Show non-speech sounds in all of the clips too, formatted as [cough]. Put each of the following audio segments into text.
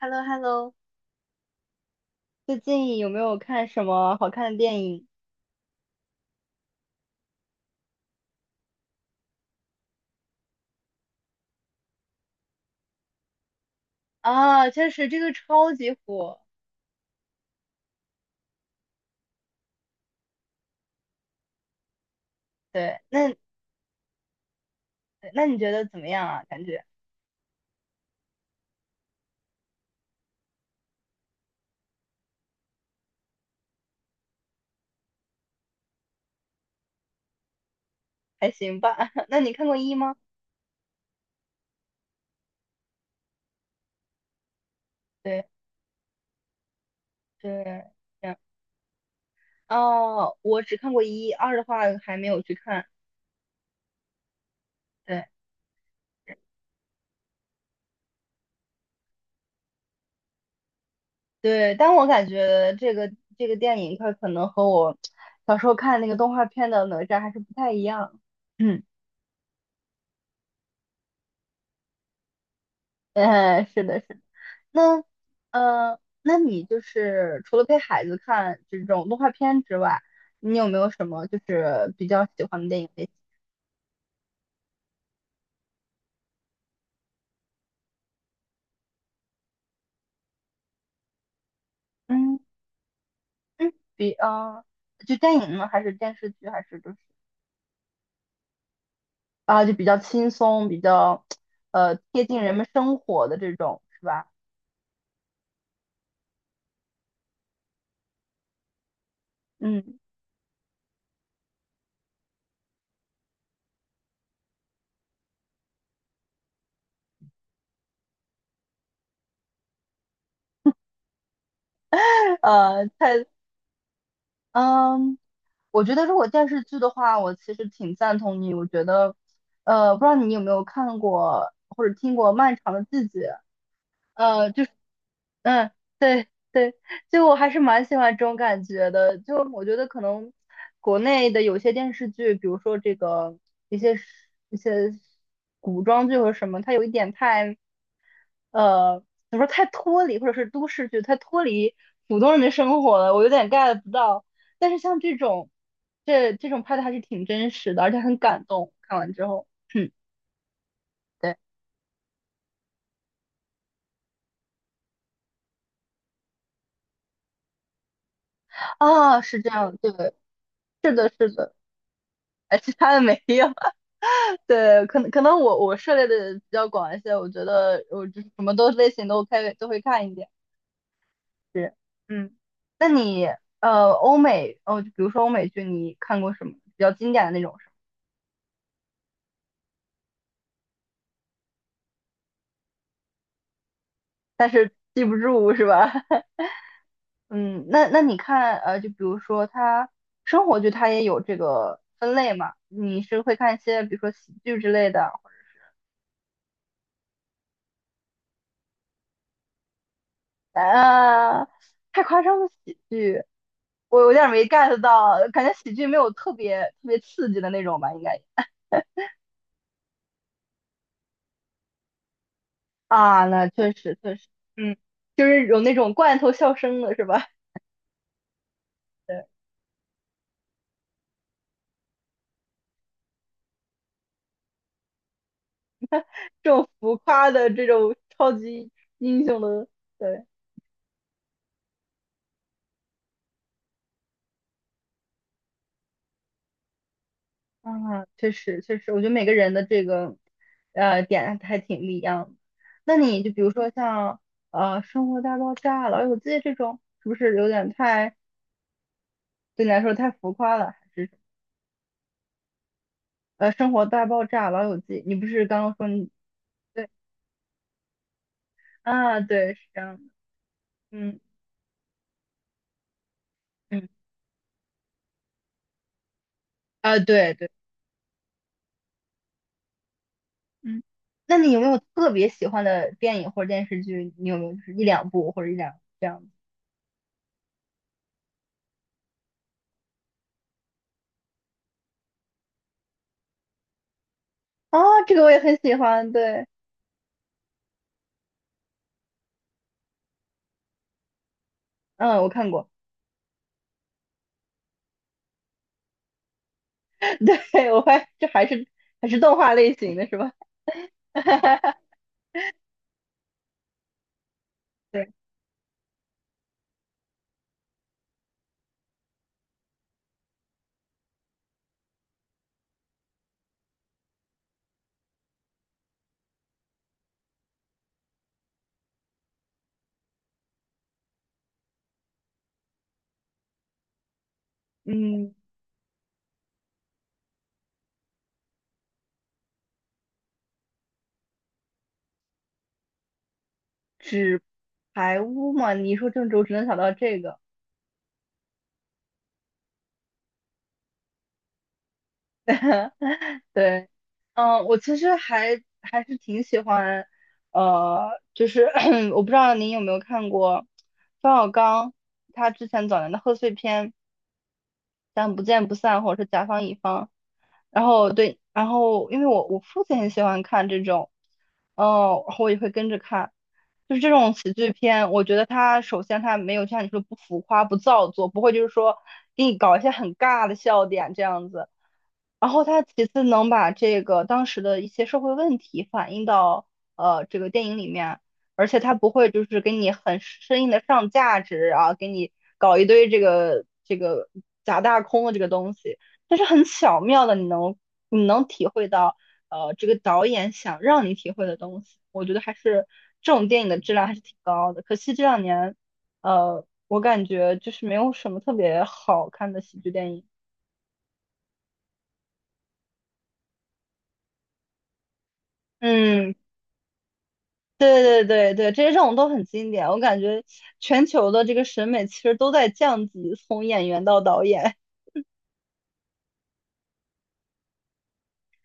h e l l o h e l l o 最近有没有看什么好看的电影？啊，确实这个超级火。对，那你觉得怎么样啊？感觉还行吧。[laughs] 那你看过一吗？[laughs] 对对，嗯，哦，我只看过一，二的话还没有去看。对对，但我感觉这个电影它可能和我小时候看那个动画片的哪吒还是不太一样。[clears throat] 嗯。[laughs] 哎，是的，是的。那那你就是除了陪孩子看这种动画片之外，你有没有什么就是比较喜欢的电影类型？嗯嗯，就电影呢，还是电视剧，还是就是啊，就比较轻松，比较贴近人们生活的这种，是吧？嗯，呃，太嗯，我觉得如果电视剧的话，我其实挺赞同你。我觉得不知道你有没有看过或者听过《漫长的季节》。就是嗯，对对，就我还是蛮喜欢这种感觉的。就我觉得可能国内的有些电视剧，比如说这个一些一些古装剧或者什么，它有一点太呃，怎么说太脱离，或者是都市剧太脱离普通人的生活了，我有点 get 不到。但是像这种拍的还是挺真实的，而且很感动。看完之后，嗯，对啊，是这样，对，是的，是的，哎，其他的没有。对，可能我涉猎的比较广一些，我觉得我就是什么都类型都 OK 都会看一点。是，嗯，那你欧美哦，就比如说欧美剧，你看过什么比较经典的那种是吧？记不住是吧？[laughs] 嗯，那你看就比如说它生活剧，它也有这个分类嘛？你是会看一些比如说喜剧之类的啊？太夸张的喜剧，我有点没 get 到，感觉喜剧没有特别特别刺激的那种吧，应该。啊，那确实确实，嗯，就是有那种罐头笑声的是吧？[laughs] 对，这种浮夸的这种超级英雄的，对，啊，确实确实，我觉得每个人的这个点还挺不一样的。那你就比如说像《生活大爆炸》哎《老友记》这种，是不是有点对你来说太浮夸了？还是什么《生活大爆炸》哎《老友记》？你不是刚刚说你对啊？对，是这样的，嗯嗯，啊，对对。嗯，那你有没有特别喜欢的电影或者电视剧？你有没有就是一两部或者一两这样子？啊，这个我也很喜欢，对，嗯，我看过，[laughs] 对，我发现这还是动画类型的是吧？[laughs] 对，嗯，纸牌屋嘛，你一说郑州，我只能想到这个。[laughs] 对，嗯，我其实还是挺喜欢，就是 [coughs] [clears throat] 我不知道您有没有看过冯小刚他之前早年的贺岁片。咱《不见不散》，或者是《甲方乙方》。然后对，然后因为我父亲很喜欢看这种，哦，然后我也会跟着看，就是这种喜剧片，我觉得它首先它没有像你说不浮夸、不造作，不会就是说给你搞一些很尬的笑点这样子。然后他其次能把这个当时的一些社会问题反映到这个电影里面，而且他不会就是给你很生硬的上价值啊，给你搞一堆这个假大空的这个东西，但是很巧妙的你能体会到这个导演想让你体会的东西，我觉得还是这种电影的质量还是挺高的，可惜这两年我感觉就是没有什么特别好看的喜剧电影。嗯，对对对对，这些这种都很经典。我感觉全球的这个审美其实都在降级，从演员到导演，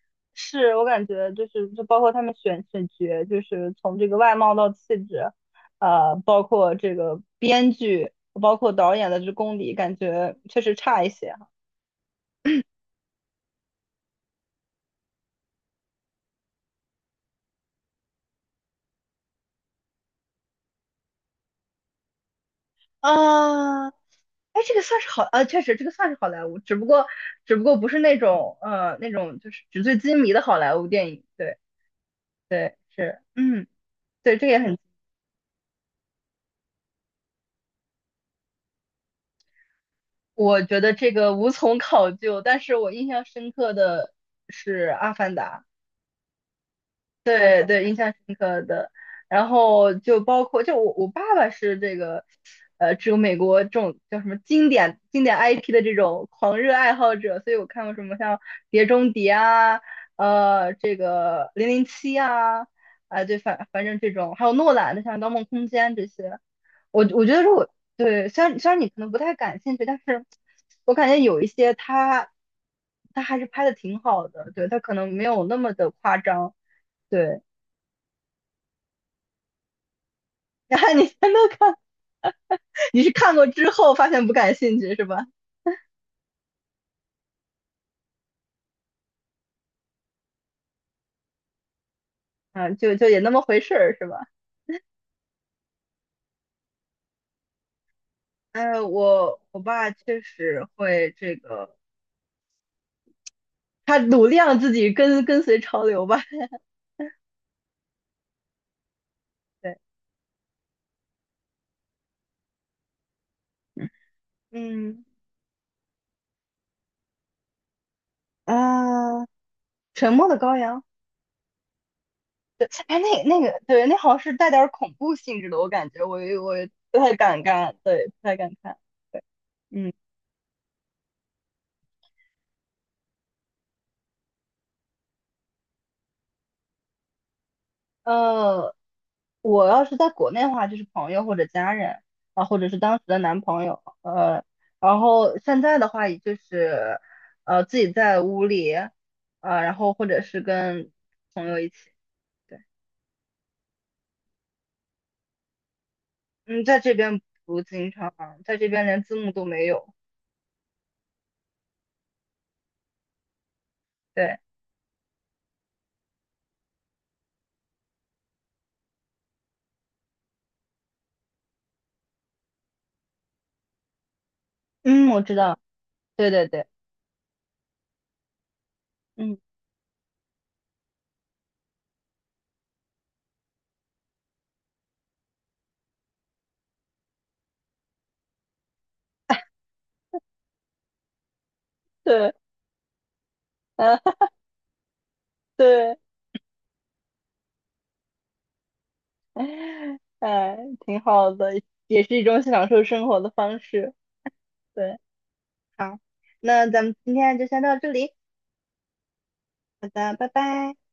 [laughs] 是我感觉就是就包括他们选角，就是从这个外貌到气质，包括这个编剧，包括导演的这功底，感觉确实差一些哈。啊，哎，这个算是好，确实这个算是好莱坞，只不过不是那种就是纸醉金迷的好莱坞电影。对对是，嗯，对，这个也很。我觉得这个无从考究，但是我印象深刻的是《阿凡达》，对对，印象深刻的。然后就包括，就我爸爸是这个，只有美国这种叫什么经典 IP 的这种狂热爱好者，所以我看过什么像《碟中谍》啊，这个《零零七》啊，啊、对，反正这种，还有诺兰的像《盗梦空间》这些，我觉得如果对，虽然你可能不太感兴趣，但是我感觉有一些他还是拍的挺好的，对，他可能没有那么的夸张，对。[laughs] 然后你全都看，你是看过之后发现不感兴趣是吧？嗯，就也那么回事儿是吧？哎，我爸确实会这个，他努力让自己跟随潮流吧。[laughs] 对，嗯啊，沉默的羔羊。对，哎，那那个，对，那好像是带点儿恐怖性质的，我感觉我不太敢看，对，不太敢看。对，嗯，呃，我要是在国内的话，就是朋友或者家人啊，或者是当时的男朋友，然后现在的话，也就是自己在屋里，然后或者是跟朋友一起，对，嗯，在这边不经常，在这边连字幕都没有，对，嗯，我知道，对对对，嗯，对，[laughs] 啊，对。[laughs] 哎，挺好的，也是一种享受生活的方式。对，好，那咱们今天就先到这里，好的，拜拜。